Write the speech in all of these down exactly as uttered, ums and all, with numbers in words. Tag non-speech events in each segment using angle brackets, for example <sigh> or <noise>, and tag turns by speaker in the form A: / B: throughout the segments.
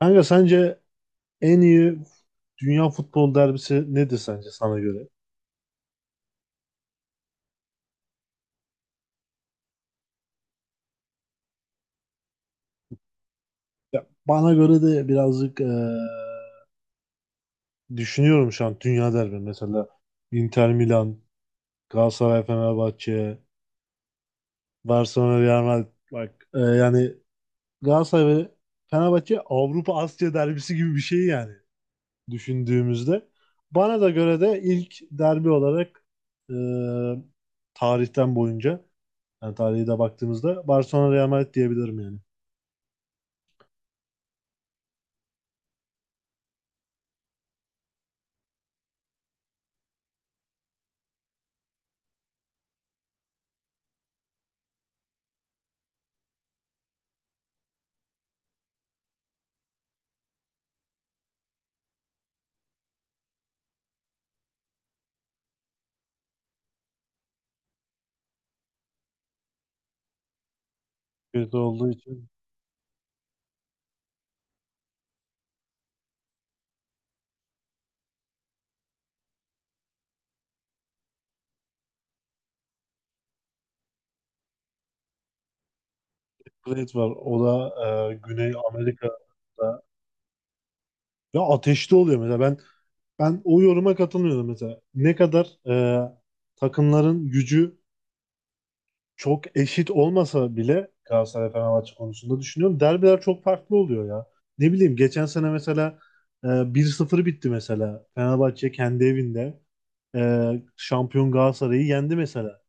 A: Kanka, sence en iyi dünya futbol derbisi nedir, sence sana göre? Ya, bana göre de birazcık eee, düşünüyorum şu an dünya derbi. Mesela Inter Milan, Galatasaray Fenerbahçe, Barcelona Real Madrid. Bak eee, yani Galatasaray ve Fenerbahçe Avrupa Asya derbisi gibi bir şey yani düşündüğümüzde. Bana da göre de ilk derbi olarak eee, tarihten boyunca yani tarihe de baktığımızda Barcelona Real Madrid diyebilirim yani. Kötü olduğu için Blade var. O da e, Güney Amerika'da ya ateşli oluyor mesela, ben ben o yoruma katılmıyorum mesela. Ne kadar e, takımların gücü çok eşit olmasa bile Galatasaray Fenerbahçe konusunda düşünüyorum. Derbiler çok farklı oluyor ya. Ne bileyim, geçen sene mesela e, bir sıfır bitti mesela. Fenerbahçe kendi evinde e, şampiyon Galatasaray'ı yendi mesela.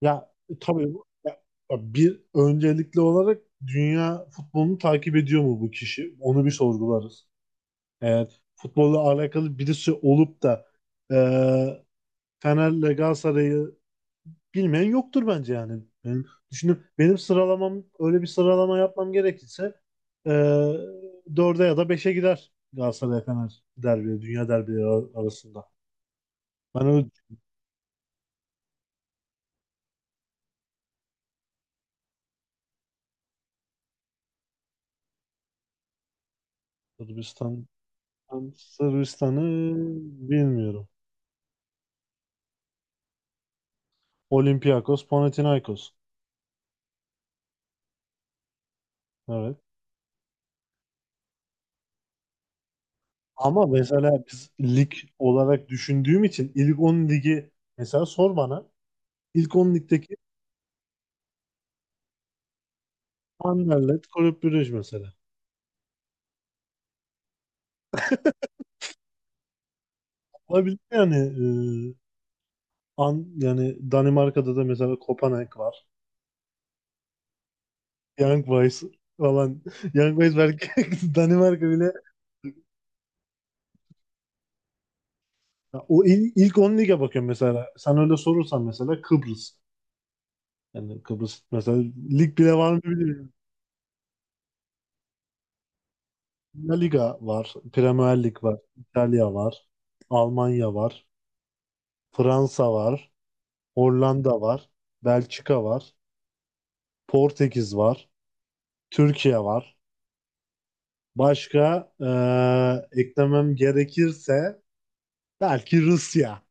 A: Ya e, tabii bu- ya, ya bir öncelikli olarak dünya futbolunu takip ediyor mu bu kişi? Onu bir sorgularız. Eğer futbolla alakalı birisi olup da e, Fener'le Galatasaray'ı bilmeyen yoktur bence yani. Benim, düşünüp benim sıralamam, öyle bir sıralama yapmam gerekirse e, dörde ya da beşe gider Galatasaray Fener derbi, dünya derbileri ar- arasında. Ben öyle. Sırbistan'ı Sırbistan'ı bilmiyorum. Olympiakos, Panathinaikos. Evet. Ama mesela biz lig olarak düşündüğüm için ilk on ligi mesela sor bana. İlk on ligdeki Anderlecht, Kulüp Brugge mesela. Olabilir yani e, an, yani Danimarka'da da mesela Kopenhag var. Young Boys falan. <laughs> Young Boys belki, <laughs> Danimarka bile. Ya, O il- ilk on lige bakıyorum mesela. Sen öyle sorursan mesela Kıbrıs. Yani Kıbrıs mesela lig bile var mı bilmiyorum. La Liga var, Premier Lig var, İtalya var, Almanya var, Fransa var, Hollanda var, Belçika var, Portekiz var, Türkiye var. Başka eee, eklemem gerekirse belki Rusya,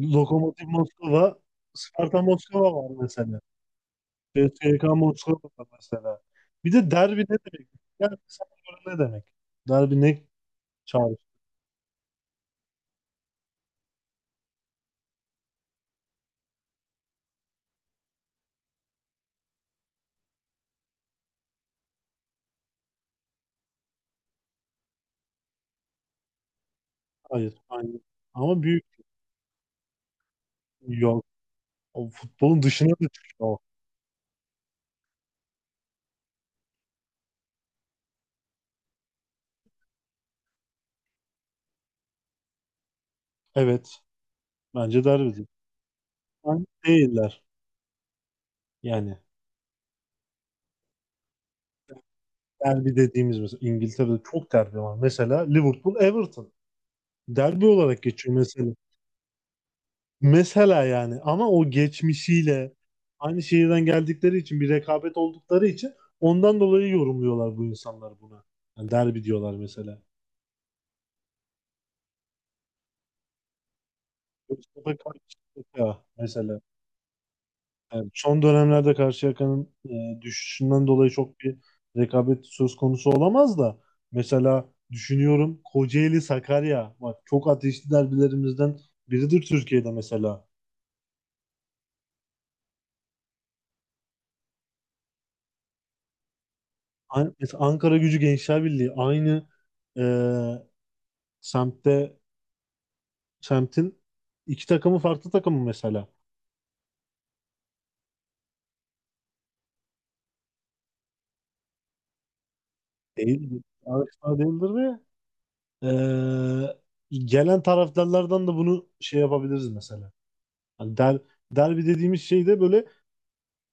A: Lokomotiv Moskova, Sparta Moskova var mesela. C S K A Moskova var mesela. Bir de derbi ne demek? Yani sana göre ne demek? Derbi ne çağrıştı? Hayır, aynı. Ama büyük. O futbolun dışına da çıkıyor, o. Evet. Bence derbi değil. Bence değiller. Yani derbi dediğimiz, mesela İngiltere'de çok derbi var. Mesela Liverpool Everton. Derbi olarak geçiyor mesela. Mesela yani, ama o geçmişiyle aynı şehirden geldikleri için, bir rekabet oldukları için, ondan dolayı yorumluyorlar bu insanlar buna. Yani derbi diyorlar mesela. Yoksa da karşılıklı ya mesela. Evet, son dönemlerde Karşıyaka'nın e, düşüşünden dolayı çok bir rekabet söz konusu olamaz da, mesela düşünüyorum, Kocaeli Sakarya bak çok ateşli derbilerimizden biridir Türkiye'de mesela. An- mesela Ankara Gücü Gençler aynı e, semtte, semtin iki takımı, farklı takımı mesela. Değil, yarışlar değildir ve e, gelen taraftarlardan da bunu şey yapabiliriz mesela. Hani der, derbi dediğimiz şey de böyle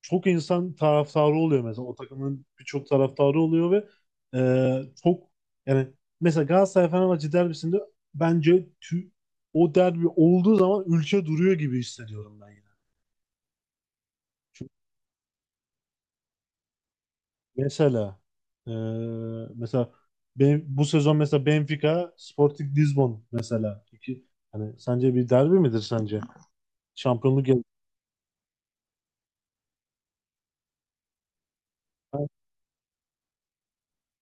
A: çok insan taraftarı oluyor mesela. O takımın birçok taraftarı oluyor ve e, çok, yani mesela Galatasaray Fenerbahçe derbisinde bence tü- o derbi olduğu zaman ülke duruyor gibi hissediyorum ben yani. Çünkü mesela e, mesela ben, bu sezon mesela Benfica Sporting Lisbon, mesela iki, hani sence bir derbi midir sence? Şampiyonluk yarışı-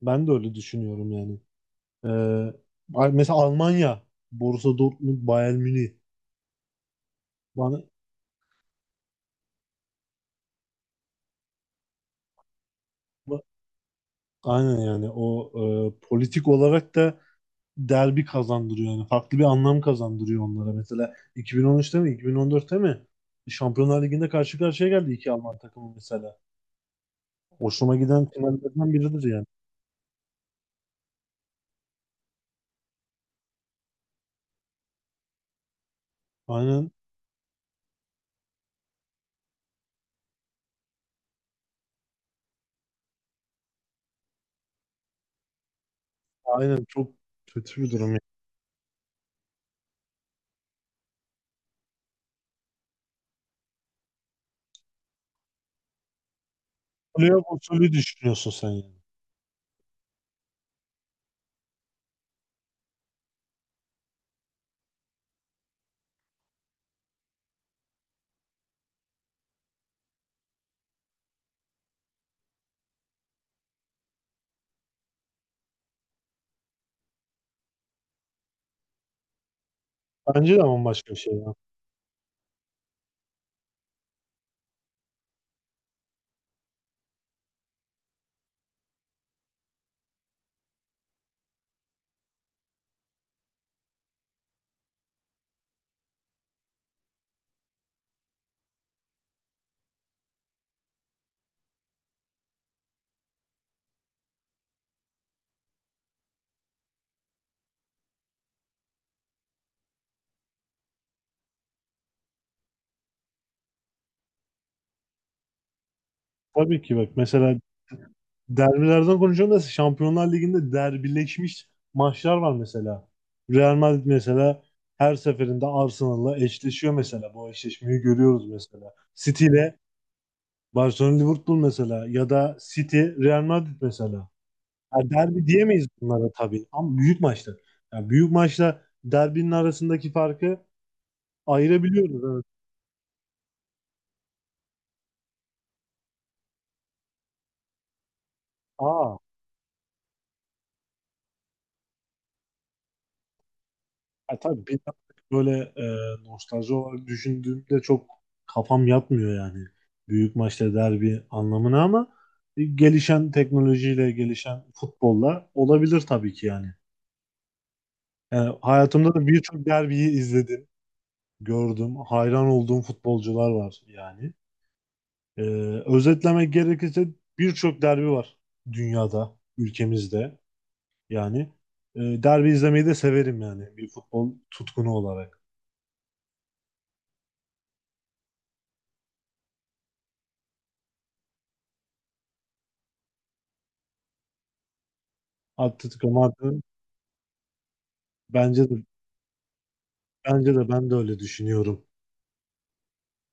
A: ben de öyle düşünüyorum yani. E, ay- mesela Almanya Borussia Dortmund Bayern Münih bana. Ba- Aynen, yani o e, politik olarak da derbi kazandırıyor, yani farklı bir anlam kazandırıyor onlara. Mesela iki bin on üçte mi iki bin on dörtte mi Şampiyonlar Ligi'nde karşı karşıya geldi iki Alman takımı mesela. Hoşuma giden finallerden biridir yani. Aynen, aynen, çok kötü bir durum. Yani. Playoff usulü düşünüyorsun sen yani. Bence de, ama başka bir şey ya. Tabii ki bak, mesela derbilerden konuşalım da Şampiyonlar Ligi'nde derbileşmiş maçlar var mesela. Real Madrid mesela her seferinde Arsenal'la eşleşiyor mesela. Bu eşleşmeyi görüyoruz mesela. City ile Barcelona Liverpool mesela, ya da City Real Madrid mesela. Ya, derbi diyemeyiz bunlara tabii, ama büyük maçlar. Yani büyük maçla derbinin arasındaki farkı ayırabiliyoruz. Evet. Aa. Ya tabii, bir yandan böyle e, nostalji olarak düşündüğümde çok kafam yatmıyor yani. Büyük maçta derbi anlamına, ama e, gelişen teknolojiyle, gelişen futbolla olabilir tabii ki yani. Yani hayatımda da birçok derbiyi izledim, gördüm, hayran olduğum futbolcular var yani. E, özetlemek gerekirse birçok derbi var dünyada, ülkemizde yani. E, derbi izlemeyi de severim yani bir futbol tutkunu olarak. Atletico Madrid. Bence de bence de ben de öyle düşünüyorum.